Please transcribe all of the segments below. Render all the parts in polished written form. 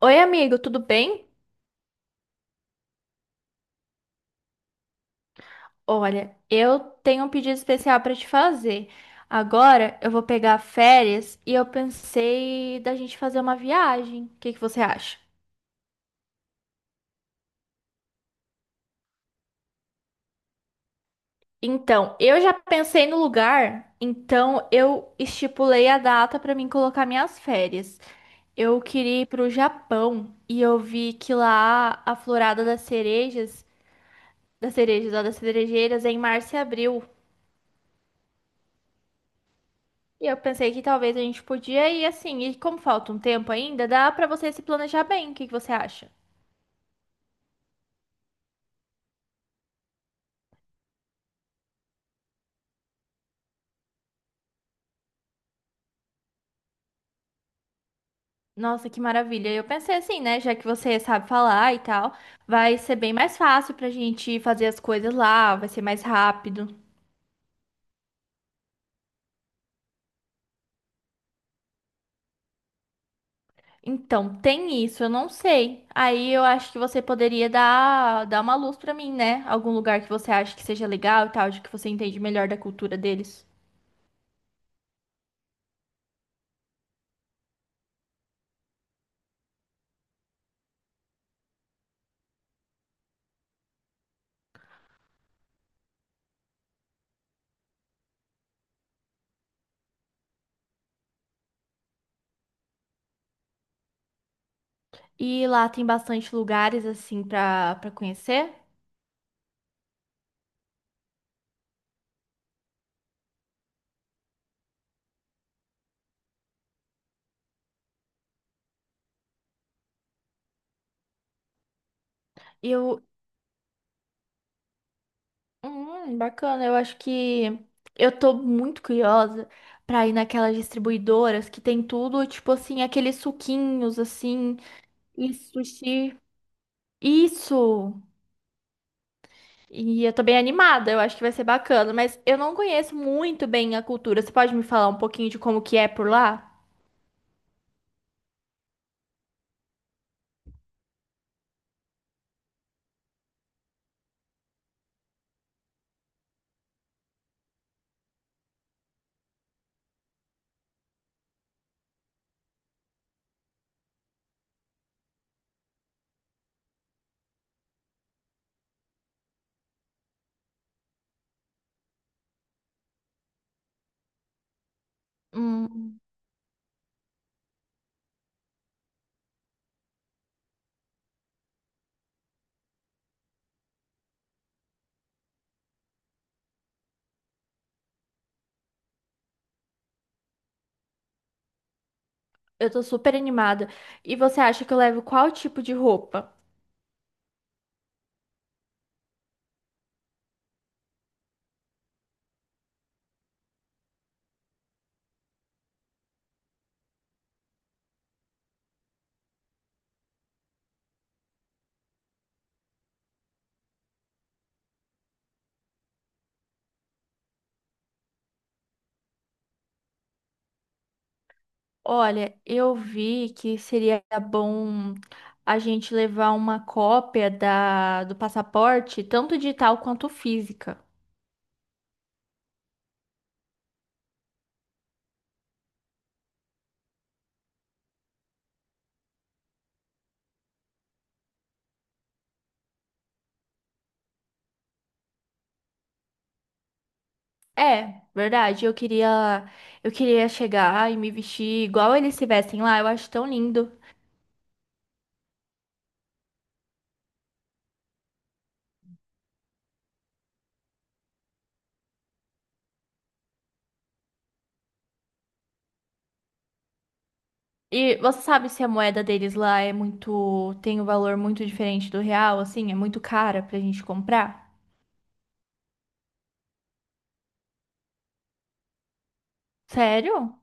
Oi, amigo, tudo bem? Olha, eu tenho um pedido especial para te fazer. Agora eu vou pegar férias e eu pensei da gente fazer uma viagem. O que que você acha? Então, eu já pensei no lugar, então eu estipulei a data para mim colocar minhas férias. Eu queria ir para o Japão e eu vi que lá a florada das cerejeiras é em março e abril. E eu pensei que talvez a gente podia ir assim, e como falta um tempo ainda, dá pra você se planejar bem. O que que você acha? Nossa, que maravilha. Eu pensei assim, né, já que você sabe falar e tal, vai ser bem mais fácil pra gente fazer as coisas lá, vai ser mais rápido. Então, tem isso, eu não sei. Aí eu acho que você poderia dar uma luz pra mim, né? Algum lugar que você acha que seja legal e tal, de que você entende melhor da cultura deles. E lá tem bastante lugares assim pra para conhecer. Eu. Bacana. Eu acho que eu tô muito curiosa pra ir naquelas distribuidoras que tem tudo, tipo assim, aqueles suquinhos assim, e sushi. Isso! E eu tô bem animada, eu acho que vai ser bacana, mas eu não conheço muito bem a cultura. Você pode me falar um pouquinho de como que é por lá? Hum, eu tô super animada. E você acha que eu levo qual tipo de roupa? Olha, eu vi que seria bom a gente levar uma cópia do passaporte, tanto digital quanto física. É, verdade. Eu queria chegar e me vestir igual eles se vestem lá. Eu acho tão lindo. E você sabe se a moeda deles lá é muito, tem um valor muito diferente do real, assim, é muito cara pra gente comprar? Sério?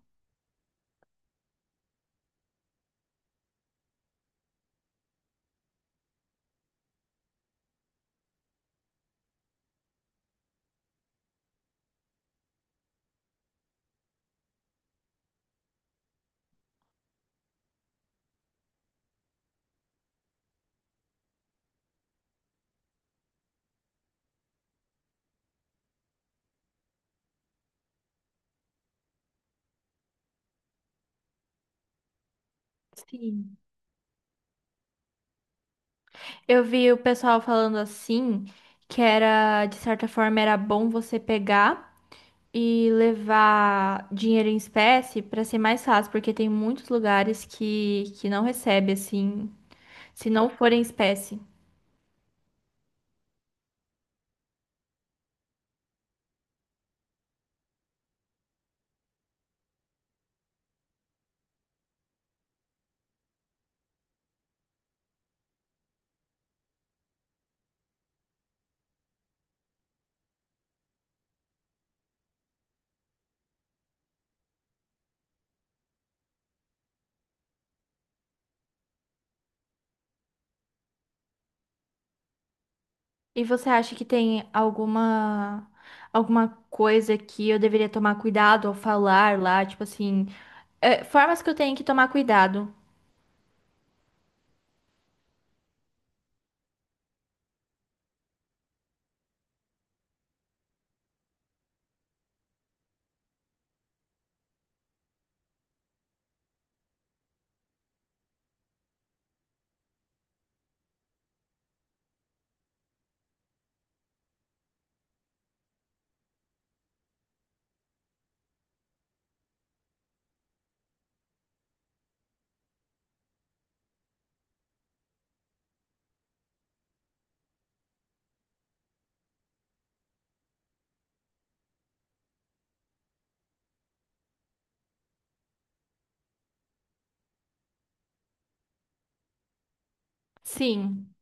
Sim. Eu vi o pessoal falando assim, que era, de certa forma, era bom você pegar e levar dinheiro em espécie para ser mais fácil, porque tem muitos lugares que não recebe assim, se não for em espécie. E você acha que tem alguma coisa que eu deveria tomar cuidado ao falar lá, tipo assim, é, formas que eu tenho que tomar cuidado? Sim.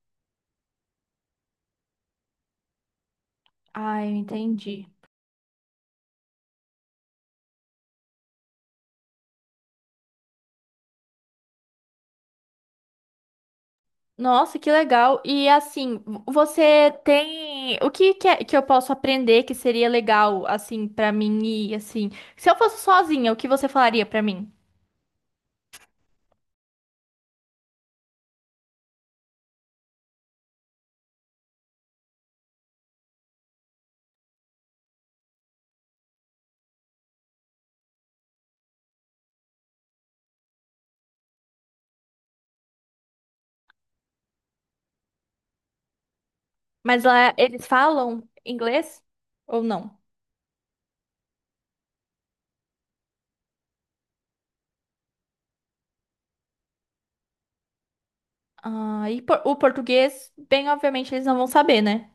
Ah, eu entendi. Nossa, que legal. E assim, você tem o que que, que eu posso aprender que seria legal assim pra mim ir assim? Se eu fosse sozinha, o que você falaria pra mim? Mas lá eles falam inglês ou não? Ah, e o português, bem obviamente eles não vão saber, né?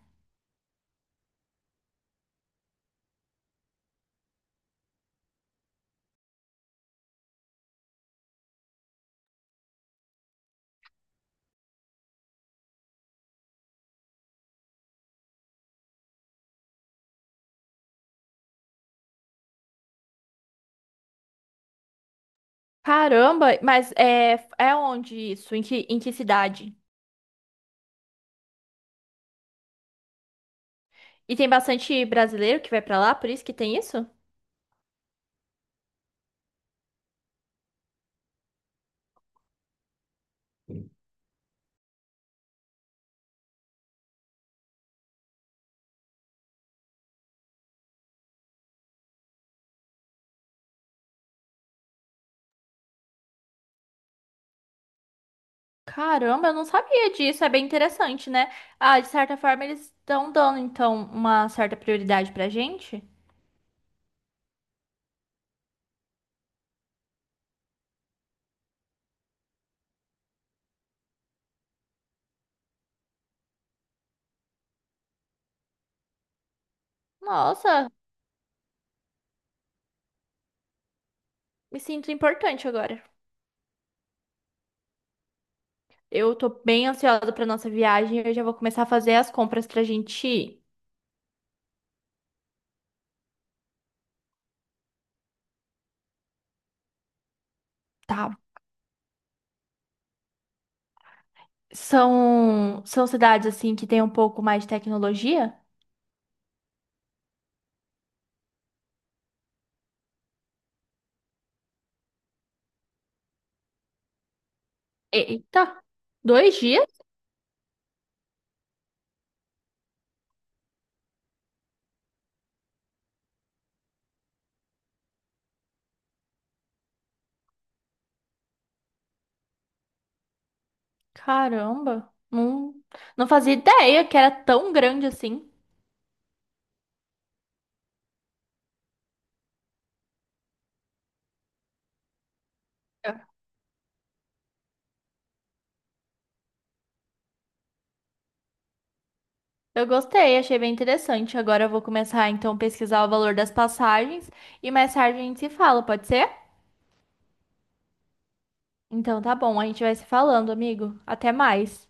Caramba, mas é onde isso? Em que cidade? E tem bastante brasileiro que vai pra lá, por isso que tem isso? Caramba, eu não sabia disso, é bem interessante, né? Ah, de certa forma eles estão dando então uma certa prioridade pra gente. Nossa, me sinto importante agora. Eu tô bem ansiosa pra nossa viagem, eu já vou começar a fazer as compras pra gente ir. Tá. São cidades assim que tem um pouco mais de tecnologia? Eita, 2 dias? Caramba, não, não fazia ideia que era tão grande assim. Eu gostei, achei bem interessante. Agora eu vou começar então a pesquisar o valor das passagens e mais tarde a gente se fala, pode ser? Então tá bom, a gente vai se falando, amigo. Até mais.